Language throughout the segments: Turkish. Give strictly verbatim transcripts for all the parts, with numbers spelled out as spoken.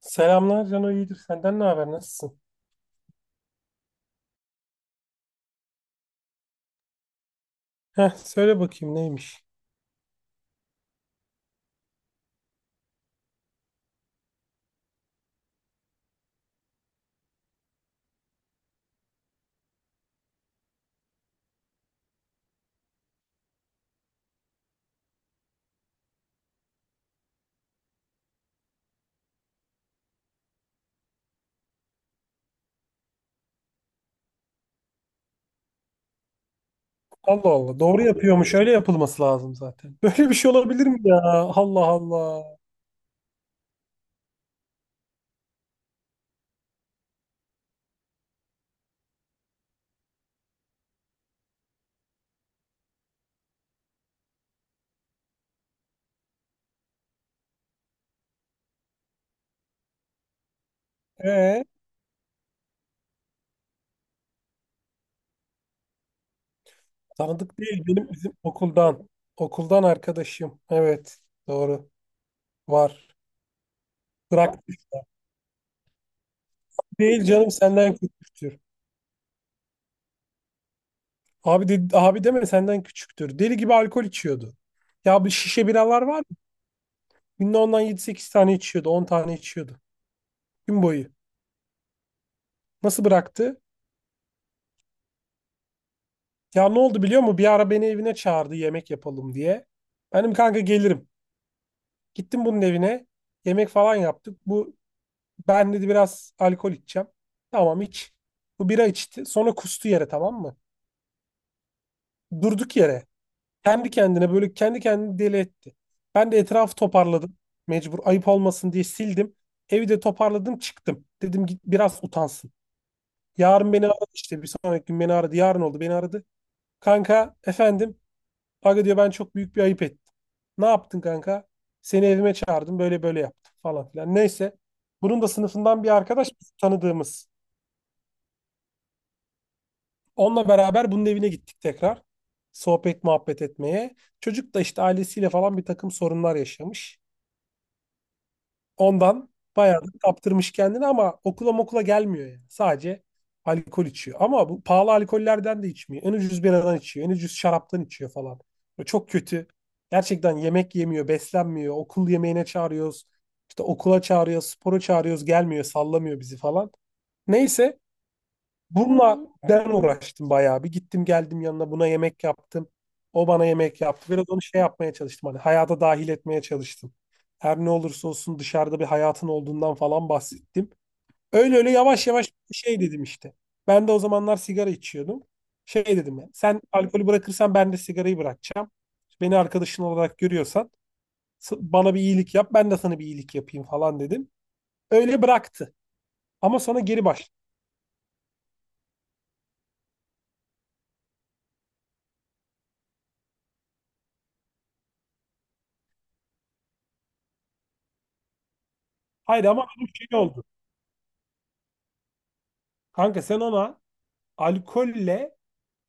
Selamlar Cano, iyidir. Senden ne haber? Nasılsın? Heh, söyle bakayım neymiş? Allah Allah. Doğru yapıyormuş. Öyle yapılması lazım zaten. Böyle bir şey olabilir mi ya? Allah Allah. Ee, tanıdık değil. Benim bizim okuldan. Okuldan arkadaşım. Evet. Doğru. Var. Bırak değil canım, senden küçüktür. Abi de, abi deme, senden küçüktür. Deli gibi alkol içiyordu. Ya, bir şişe biralar var ya. Günde ondan yedi sekiz tane içiyordu, on tane içiyordu. Gün boyu. Nasıl bıraktı? Ya, ne oldu biliyor musun? Bir ara beni evine çağırdı, yemek yapalım diye. Benim kanka gelirim. Gittim bunun evine. Yemek falan yaptık. Bu, ben dedi, biraz alkol içeceğim. Tamam, iç. Bu bira içti. Sonra kustu yere, tamam mı? Durduk yere. Kendi kendine böyle kendi kendini deli etti. Ben de etrafı toparladım. Mecbur, ayıp olmasın diye sildim. Evi de toparladım, çıktım. Dedim git biraz utansın. Yarın beni aradı, işte bir sonraki gün beni aradı. Yarın oldu, beni aradı. Kanka efendim, Aga diyor ben çok büyük bir ayıp ettim. Ne yaptın kanka? Seni evime çağırdım, böyle böyle yaptım falan filan. Neyse. Bunun da sınıfından bir arkadaş biz tanıdığımız. Onunla beraber bunun evine gittik tekrar. Sohbet muhabbet etmeye. Çocuk da işte ailesiyle falan bir takım sorunlar yaşamış. Ondan bayağı da kaptırmış kendini, ama okula mokula gelmiyor yani. Sadece alkol içiyor. Ama bu pahalı alkollerden de içmiyor. En ucuz biradan içiyor. En ucuz şaraptan içiyor falan. Böyle çok kötü. Gerçekten yemek yemiyor, beslenmiyor. Okul yemeğine çağırıyoruz. İşte okula çağırıyoruz, spora çağırıyoruz. Gelmiyor, sallamıyor bizi falan. Neyse. Bununla Hı. ben uğraştım bayağı bir. Gittim geldim yanına, buna yemek yaptım. O bana yemek yaptı. Biraz onu şey yapmaya çalıştım. Hani hayata dahil etmeye çalıştım. Her ne olursa olsun dışarıda bir hayatın olduğundan falan bahsettim. Öyle öyle yavaş yavaş şey dedim işte. Ben de o zamanlar sigara içiyordum. Şey dedim ya. Sen alkolü bırakırsan ben de sigarayı bırakacağım. Beni arkadaşın olarak görüyorsan s- bana bir iyilik yap. Ben de sana bir iyilik yapayım falan dedim. Öyle bıraktı. Ama sonra geri başladı. Hayır, ama bir şey oldu. Kanka, sen ona alkolle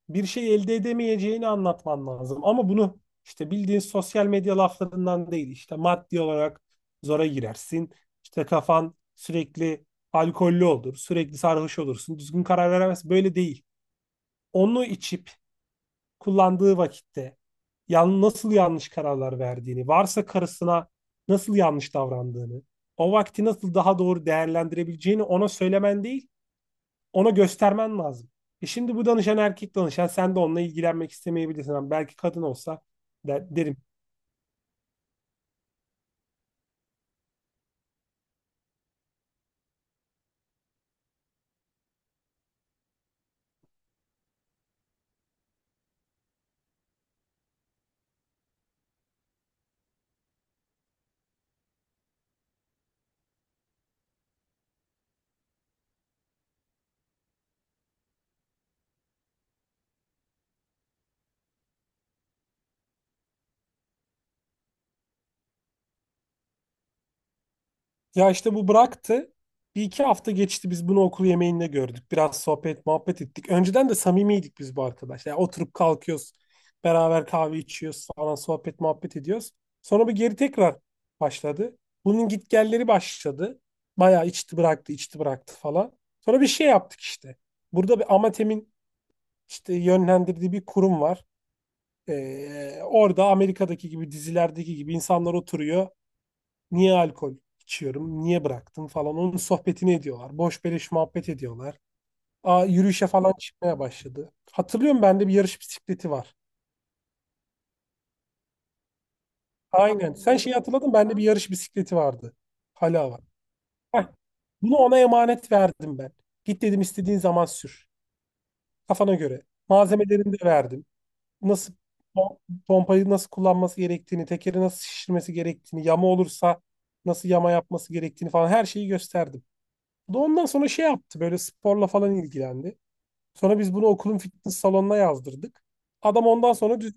bir şey elde edemeyeceğini anlatman lazım. Ama bunu işte bildiğin sosyal medya laflarından değil. İşte maddi olarak zora girersin. İşte kafan sürekli alkollü olur. Sürekli sarhoş olursun. Düzgün karar veremez. Böyle değil. Onu içip kullandığı vakitte yan, nasıl yanlış kararlar verdiğini, varsa karısına nasıl yanlış davrandığını, o vakti nasıl daha doğru değerlendirebileceğini ona söylemen değil, ona göstermen lazım. E şimdi bu danışan erkek danışan, sen de onunla ilgilenmek istemeyebilirsin. Ama belki kadın olsa der- derim. Ya işte bu bıraktı. Bir iki hafta geçti, biz bunu okul yemeğinde gördük. Biraz sohbet muhabbet ettik. Önceden de samimiydik biz bu arkadaşlar. Yani oturup kalkıyoruz. Beraber kahve içiyoruz falan, sohbet muhabbet ediyoruz. Sonra bir geri tekrar başladı. Bunun gitgelleri başladı. Bayağı içti bıraktı, içti bıraktı falan. Sonra bir şey yaptık işte. Burada bir Amatem'in işte yönlendirdiği bir kurum var. Ee, orada Amerika'daki gibi dizilerdeki gibi insanlar oturuyor. Niye alkol içiyorum? Niye bıraktım falan. Onun sohbetini ediyorlar. Boş beleş muhabbet ediyorlar. Aa, yürüyüşe falan çıkmaya başladı. Hatırlıyorum, bende bir yarış bisikleti var. Aynen. Sen şeyi hatırladın, bende bir yarış bisikleti vardı. Hala var. Heh. Bunu ona emanet verdim ben. Git dedim istediğin zaman sür. Kafana göre. Malzemelerini de verdim. Nasıl pom- pompayı nasıl kullanması gerektiğini, tekeri nasıl şişirmesi gerektiğini, yama olursa nasıl yama yapması gerektiğini falan, her şeyi gösterdim. Bu da ondan sonra şey yaptı, böyle sporla falan ilgilendi. Sonra biz bunu okulun fitness salonuna yazdırdık. Adam ondan sonra düz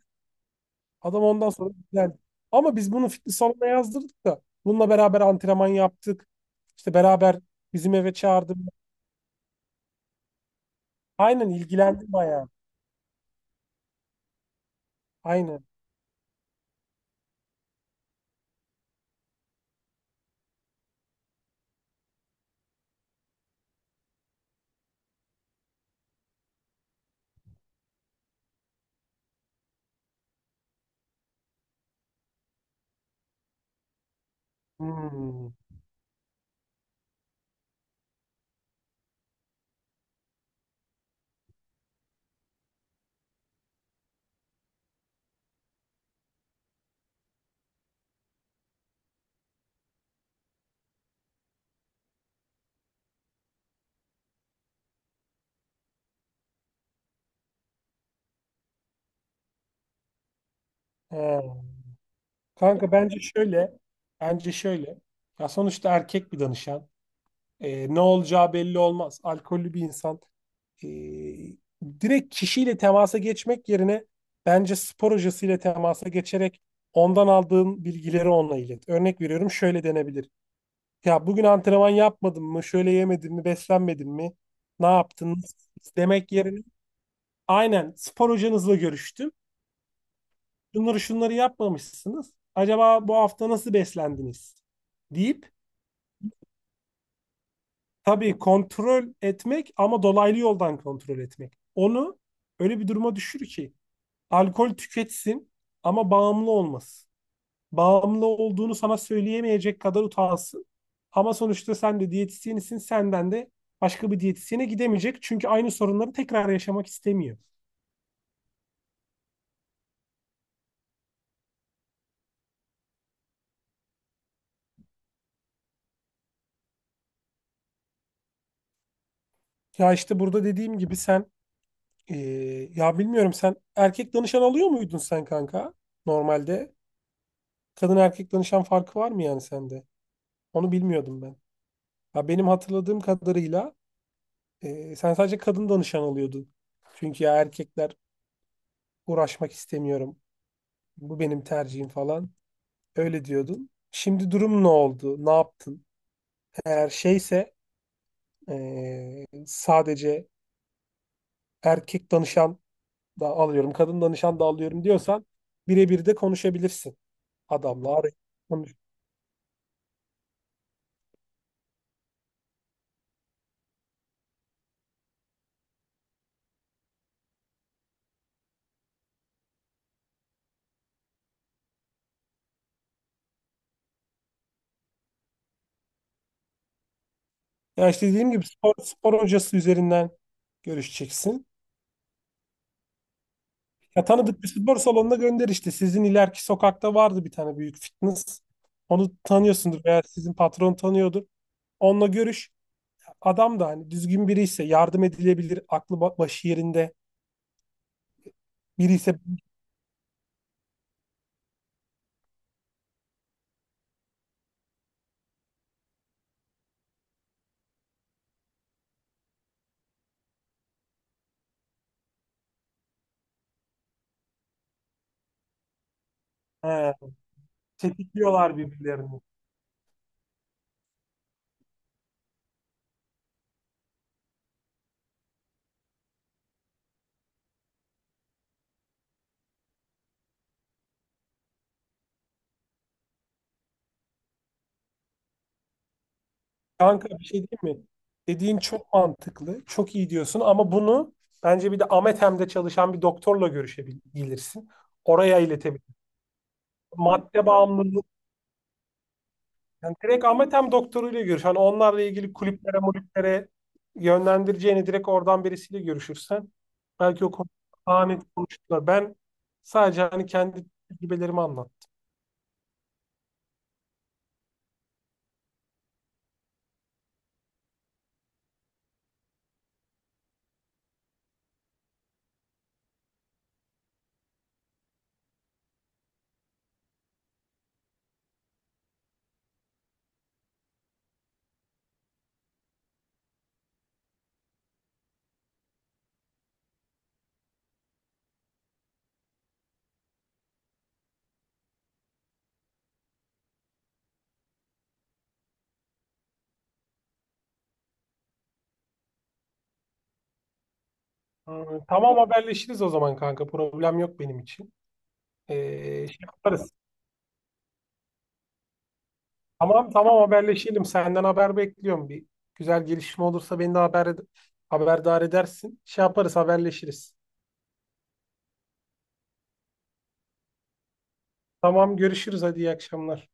adam ondan sonra düzeldi. Ama biz bunu fitness salonuna yazdırdık da bununla beraber antrenman yaptık. İşte beraber bizim eve çağırdım. Aynen, ilgilendi bayağı. Aynen. Hmm. He. Kanka, bence şöyle, bence şöyle. Ya sonuçta erkek bir danışan. Ee, ne olacağı belli olmaz. Alkollü bir insan. Ee, direkt kişiyle temasa geçmek yerine, bence spor hocasıyla temasa geçerek ondan aldığın bilgileri onunla ilet. Örnek veriyorum, şöyle denebilir. Ya bugün antrenman yapmadın mı? Şöyle yemedin mi? Beslenmedin mi? Ne yaptın? Nasıl? Demek yerine, aynen spor hocanızla görüştüm, şunları şunları yapmamışsınız. Acaba bu hafta nasıl beslendiniz deyip tabii kontrol etmek, ama dolaylı yoldan kontrol etmek. Onu öyle bir duruma düşür ki alkol tüketsin ama bağımlı olmasın. Bağımlı olduğunu sana söyleyemeyecek kadar utansın. Ama sonuçta sen de diyetisyenisin, senden de başka bir diyetisyene gidemeyecek. Çünkü aynı sorunları tekrar yaşamak istemiyor. Ya işte burada dediğim gibi sen, Ee, ya bilmiyorum, sen erkek danışan alıyor muydun sen kanka normalde? Kadın erkek danışan farkı var mı yani sende? Onu bilmiyordum ben. Ya benim hatırladığım kadarıyla e, sen sadece kadın danışan alıyordun. Çünkü ya erkekler, uğraşmak istemiyorum. Bu benim tercihim falan. Öyle diyordun. Şimdi durum ne oldu? Ne yaptın? Eğer şeyse e, sadece erkek danışan da alıyorum, kadın danışan da alıyorum diyorsan birebir de konuşabilirsin adamla. Arayıp konuş. Ya işte dediğim gibi, spor, spor hocası üzerinden görüşeceksin. Ya tanıdık bir spor salonuna gönder işte. Sizin ileriki sokakta vardı bir tane büyük fitness. Onu tanıyorsundur veya sizin patron tanıyordur. Onunla görüş. Adam da hani düzgün biri ise yardım edilebilir, aklı ba- başı yerinde biri ise, he, tetikliyorlar birbirlerini. Kanka, bir şey diyeyim mi? Dediğin çok mantıklı, çok iyi diyorsun, ama bunu bence bir de Amethem'de çalışan bir doktorla görüşebilirsin. Oraya iletebilirsin. Madde bağımlılığı. Yani direkt ametem doktoruyla görüş. Hani onlarla ilgili kulüplere, mulüplere yönlendireceğini direkt oradan birisiyle görüşürsen belki o konuda daha net konuşurlar. Ben sadece hani kendi tecrübelerimi anlattım. Hmm, tamam, haberleşiriz o zaman kanka. Problem yok benim için. Ee, şey yaparız. Tamam, tamam, haberleşelim. Senden haber bekliyorum. Bir güzel gelişme olursa beni de haber, haberdar edersin. Şey yaparız, haberleşiriz. Tamam, görüşürüz. Hadi iyi akşamlar.